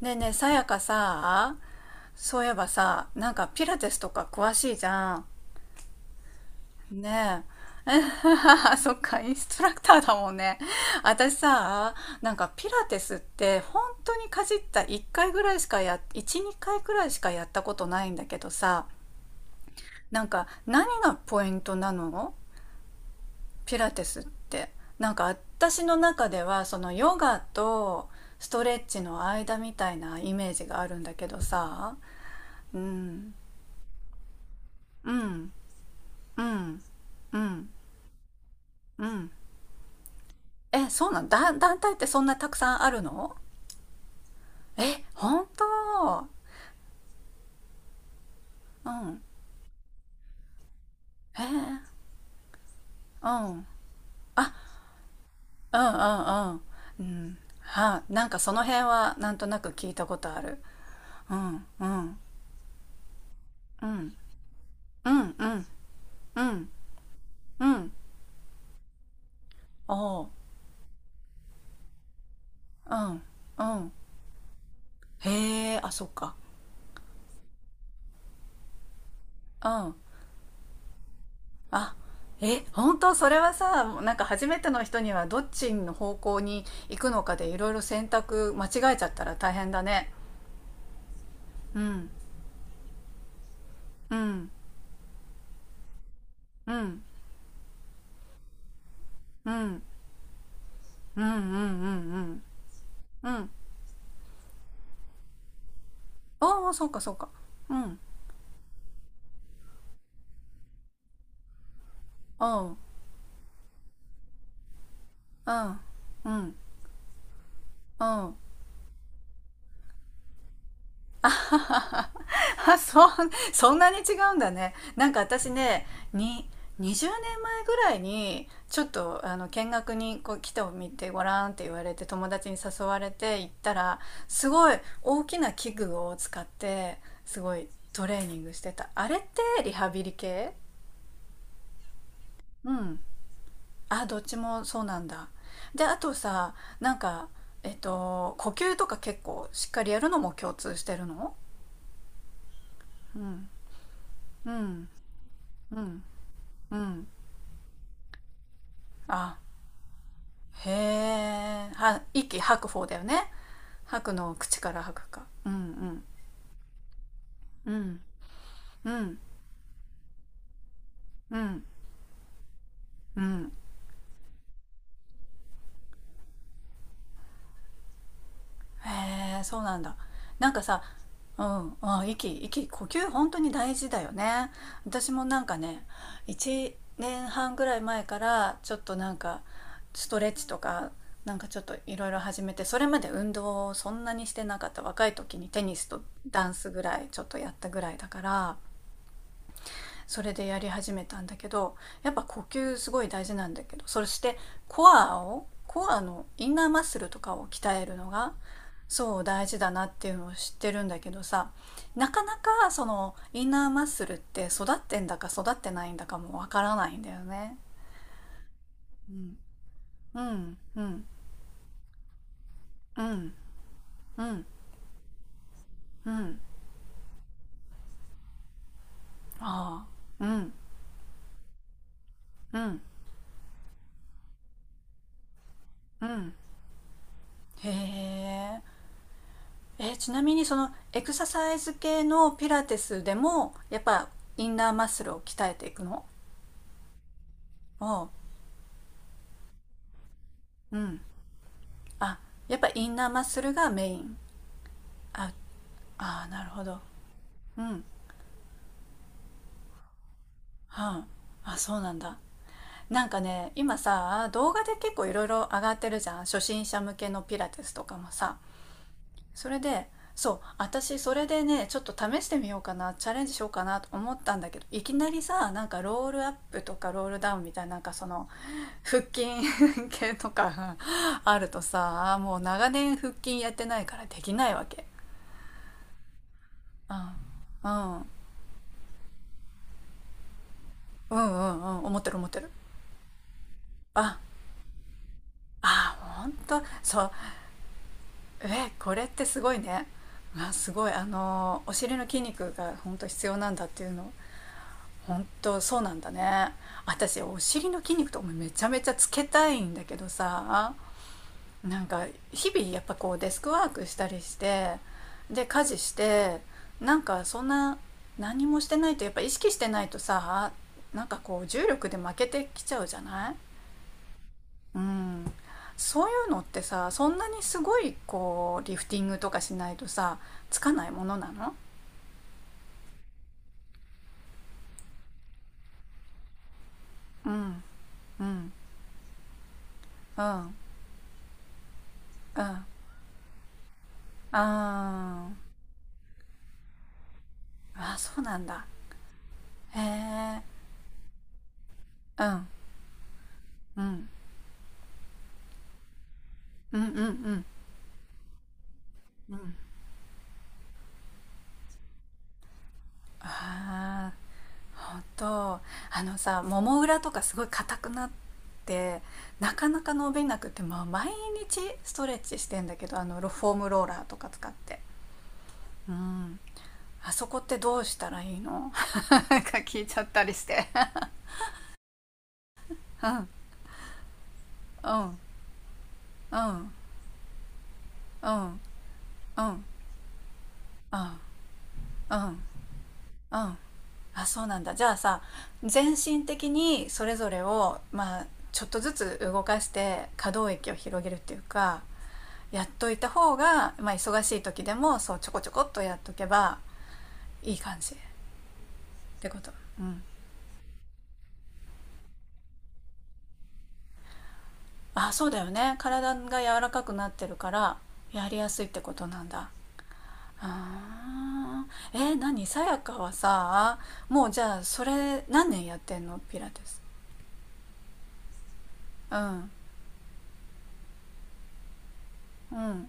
ねえねえ、さやかさ、そういえばさ、なんかピラティスとか詳しいじゃん。ねえ。そっか、インストラクターだもんね。私さ、なんかピラティスって本当にかじった1回ぐらいしかや、1、2回くらいしかやったことないんだけどさ、なんか何がポイントなの、ピラティスって。なんか私の中では、そのヨガとストレッチの間みたいなイメージがあるんだけどさ、うん、うん。うん、うん、うん、え、そうなんだ。団体ってそんなたくさんあるの？え、本当？うん、へえー、うん、あ、うん、うん、うん、うん、はあ、なんかその辺はなんとなく聞いたことある。うん、うん、うん、うん、うん、うん、うん、おう、うん、うん、へえ、あ、そっか。うん、あ、え、本当？それはさ、なんか初めての人にはどっちの方向に行くのかでいろいろ選択間違えちゃったら大変だね。うん、うん、うん、うん、うん、うん、うん、うん、うん、ああ、そうか、そうか。うん、うん、うん、うん、うん、あ、そん、そんなに違うんだね。なんか私ね、に20年前ぐらいにちょっとあの、見学にこう来てみてごらんって言われて、友達に誘われて行ったら、すごい大きな器具を使ってすごいトレーニングしてた。あれってリハビリ系？うん、あ、どっちもそうなんだ。で、あとさ、なんか呼吸とか結構しっかりやるのも共通してるの？うん、うん、うん、うん、あ、へえ、は息吐く方だよね。吐くのを口から吐くか。うん、うん、うん、うん、うん、うん、へえ、そうなんだ。なんかさ、うん、あ、息、呼吸本当に大事だよね。私もなんかね、1年半ぐらい前からちょっとなんかストレッチとか、なんかちょっといろいろ始めて、それまで運動をそんなにしてなかった。若い時にテニスとダンスぐらいちょっとやったぐらいだから、それでやり始めたんだけど、やっぱ呼吸すごい大事なんだけど、そしてコアのインナーマッスルとかを鍛えるのがそう大事だなっていうのを知ってるんだけどさ、なかなかそのインナーマッスルって育ってんだか育ってないんだかもわからないんだよね。うん、うん、うん、うん、うん、うん、ああ、うん、うん、うん、へえ、え、ちなみにそのエクササイズ系のピラティスでも、やっぱインナーマッスルを鍛えていくの？う、うん。あ、やっぱインナーマッスルがメイン。あ、あー、なるほど。うん。は、あ、あ、そうなんだ。なんかね、今さ、動画で結構いろいろ上がってるじゃん。初心者向けのピラティスとかもさ。それで、そう、私それでね、ちょっと試してみようかな、チャレンジしようかなと思ったんだけど、いきなりさ、なんかロールアップとかロールダウンみたいな、なんかその、腹筋系とか あるとさ、もう長年腹筋やってないからできないわけ。うん、うん、うん、うん、うん、思ってる、思ってる。ああ、ほんとそう。え、これってすごいね。あ、すごい、あのお尻の筋肉が本当必要なんだっていうの、本当そうなんだね。私お尻の筋肉とかめちゃめちゃつけたいんだけどさ、なんか日々やっぱこうデスクワークしたりして、で家事して、なんかそんな、何もしてないとやっぱ意識してないとさ、なんかこう重力で負けてきちゃうじゃない。うん、そういうのってさ、そんなにすごいこうリフティングとかしないとさ、つかないものなの？うん、うん、うん、うん、あ、ああ、そうなんだ。へえ、うん、うん、うん、うん、うん、うん、ああ、本当、あのさ、もも裏とかすごい硬くなって、なかなか伸びなくて、まあ、毎日ストレッチしてんだけど、あの、ロフォームローラーとか使って。うん。あそこってどうしたらいいの？ なんか聞いちゃったりして。 うん、うん、うん、うん、うん、うん、うん、うん。あ、そうなんだ。じゃあさ、全身的にそれぞれを、まあ、ちょっとずつ動かして可動域を広げるっていうか、やっといた方が、まあ、忙しい時でもそうちょこちょこっとやっとけばいい感じってこと？うん、あ、そうだよね。体が柔らかくなってるからやりやすいってことなんだ。あー、えー、何、さやかはさ、もうじゃあそれ何年やってんの、ピラティス？うん、うん、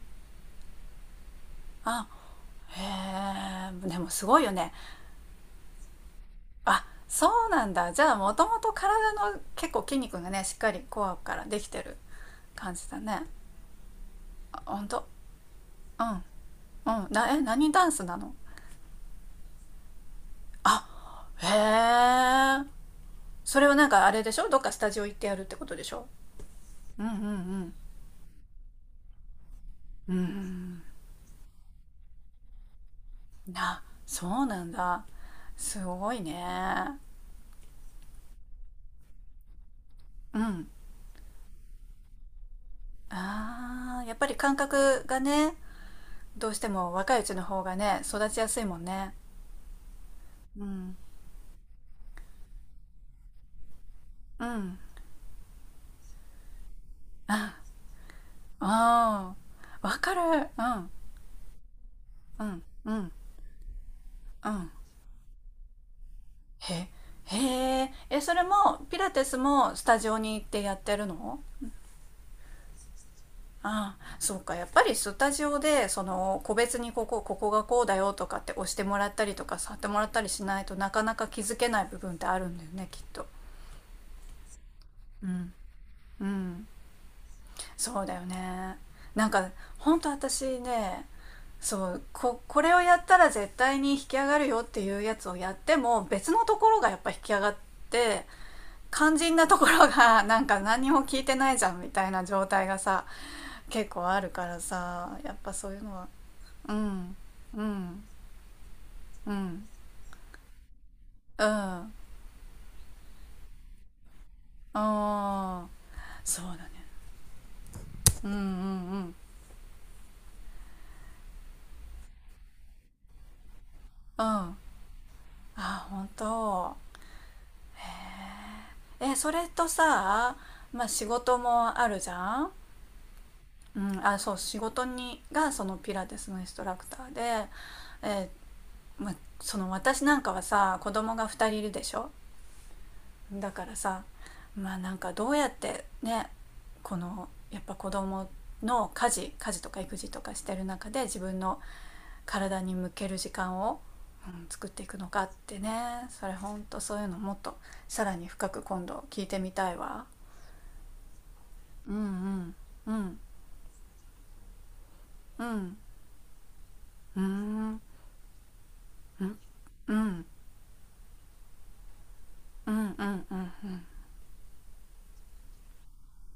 あ、へえ、でもすごいよね。あ、そうなんだ、じゃあもともと体の結構筋肉がねしっかりコアからできてる感じだね。あ、ほんと、うん、うん、な、え、何ダンスなの？あ、へえ、それはなんかあれでしょ、どっかスタジオ行ってやるってことでしょ？うん、うん、うん、うん、な、そうなんだ。すごいね。うん、ああ、やっぱり感覚がね、どうしても若いうちの方がね育ちやすいもんね。うん、うん、ああ、ーわかる。うん、うん、うん、うん、へ、へ、え、え、それもピラティスもスタジオに行ってやってるの？ああ、そうか。やっぱりスタジオで、その、個別にここ、ここがこうだよとかって押してもらったりとか、触ってもらったりしないとなかなか気づけない部分ってあるんだよね、きっと。うん。うん。そうだよね。なんか、本当私ね、そう、これをやったら絶対に引き上がるよっていうやつをやっても、別のところがやっぱ引き上がって、肝心なところが なんか何も聞いてないじゃんみたいな状態がさ、結構あるからさ、やっぱそういうのは。うん。うん。うん。うん。ああ、そうだね。うん、うん、うん。うん。ああ、本当。え、それとさ、まあ仕事もあるじゃん。うん、あ、そう、仕事に、がそのピラティスのインストラクターで、えー、まあ、その、私なんかはさ、子供が2人いるでしょ、だからさ、まあなんかどうやってね、この、やっぱ子供の家事とか育児とかしてる中で自分の体に向ける時間を、うん、作っていくのかってね、それほんとそういうのもっとさらに深く今度聞いてみたいわ。うん、うん、うん、うん、うん、うん、うん、うん、うん、うん、うん、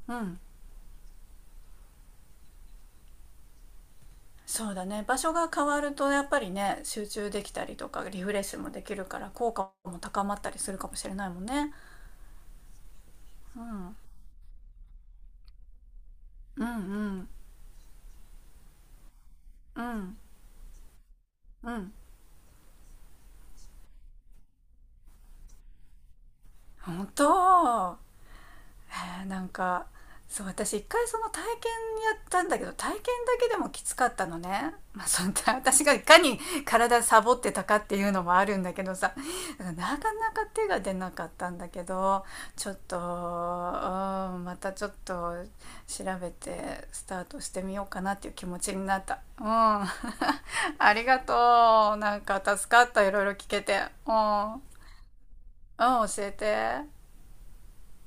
うん、そうだね、場所が変わるとやっぱりね集中できたりとかリフレッシュもできるから効果も高まったりするかもしれないもんね、うん、うん、うん、うん、うん、本当。へえ、なんか、そう、私一回その体験やったんだけど、体験だけでもきつかったのね、まあ、その 私がいかに体サボってたかっていうのもあるんだけどさ、だからなかなか手が出なかったんだけど、ちょっと、うん、またちょっと調べてスタートしてみようかなっていう気持ちになった。うん ありがとう、なんか助かった、いろいろ聞けて。うん、うん、教えて。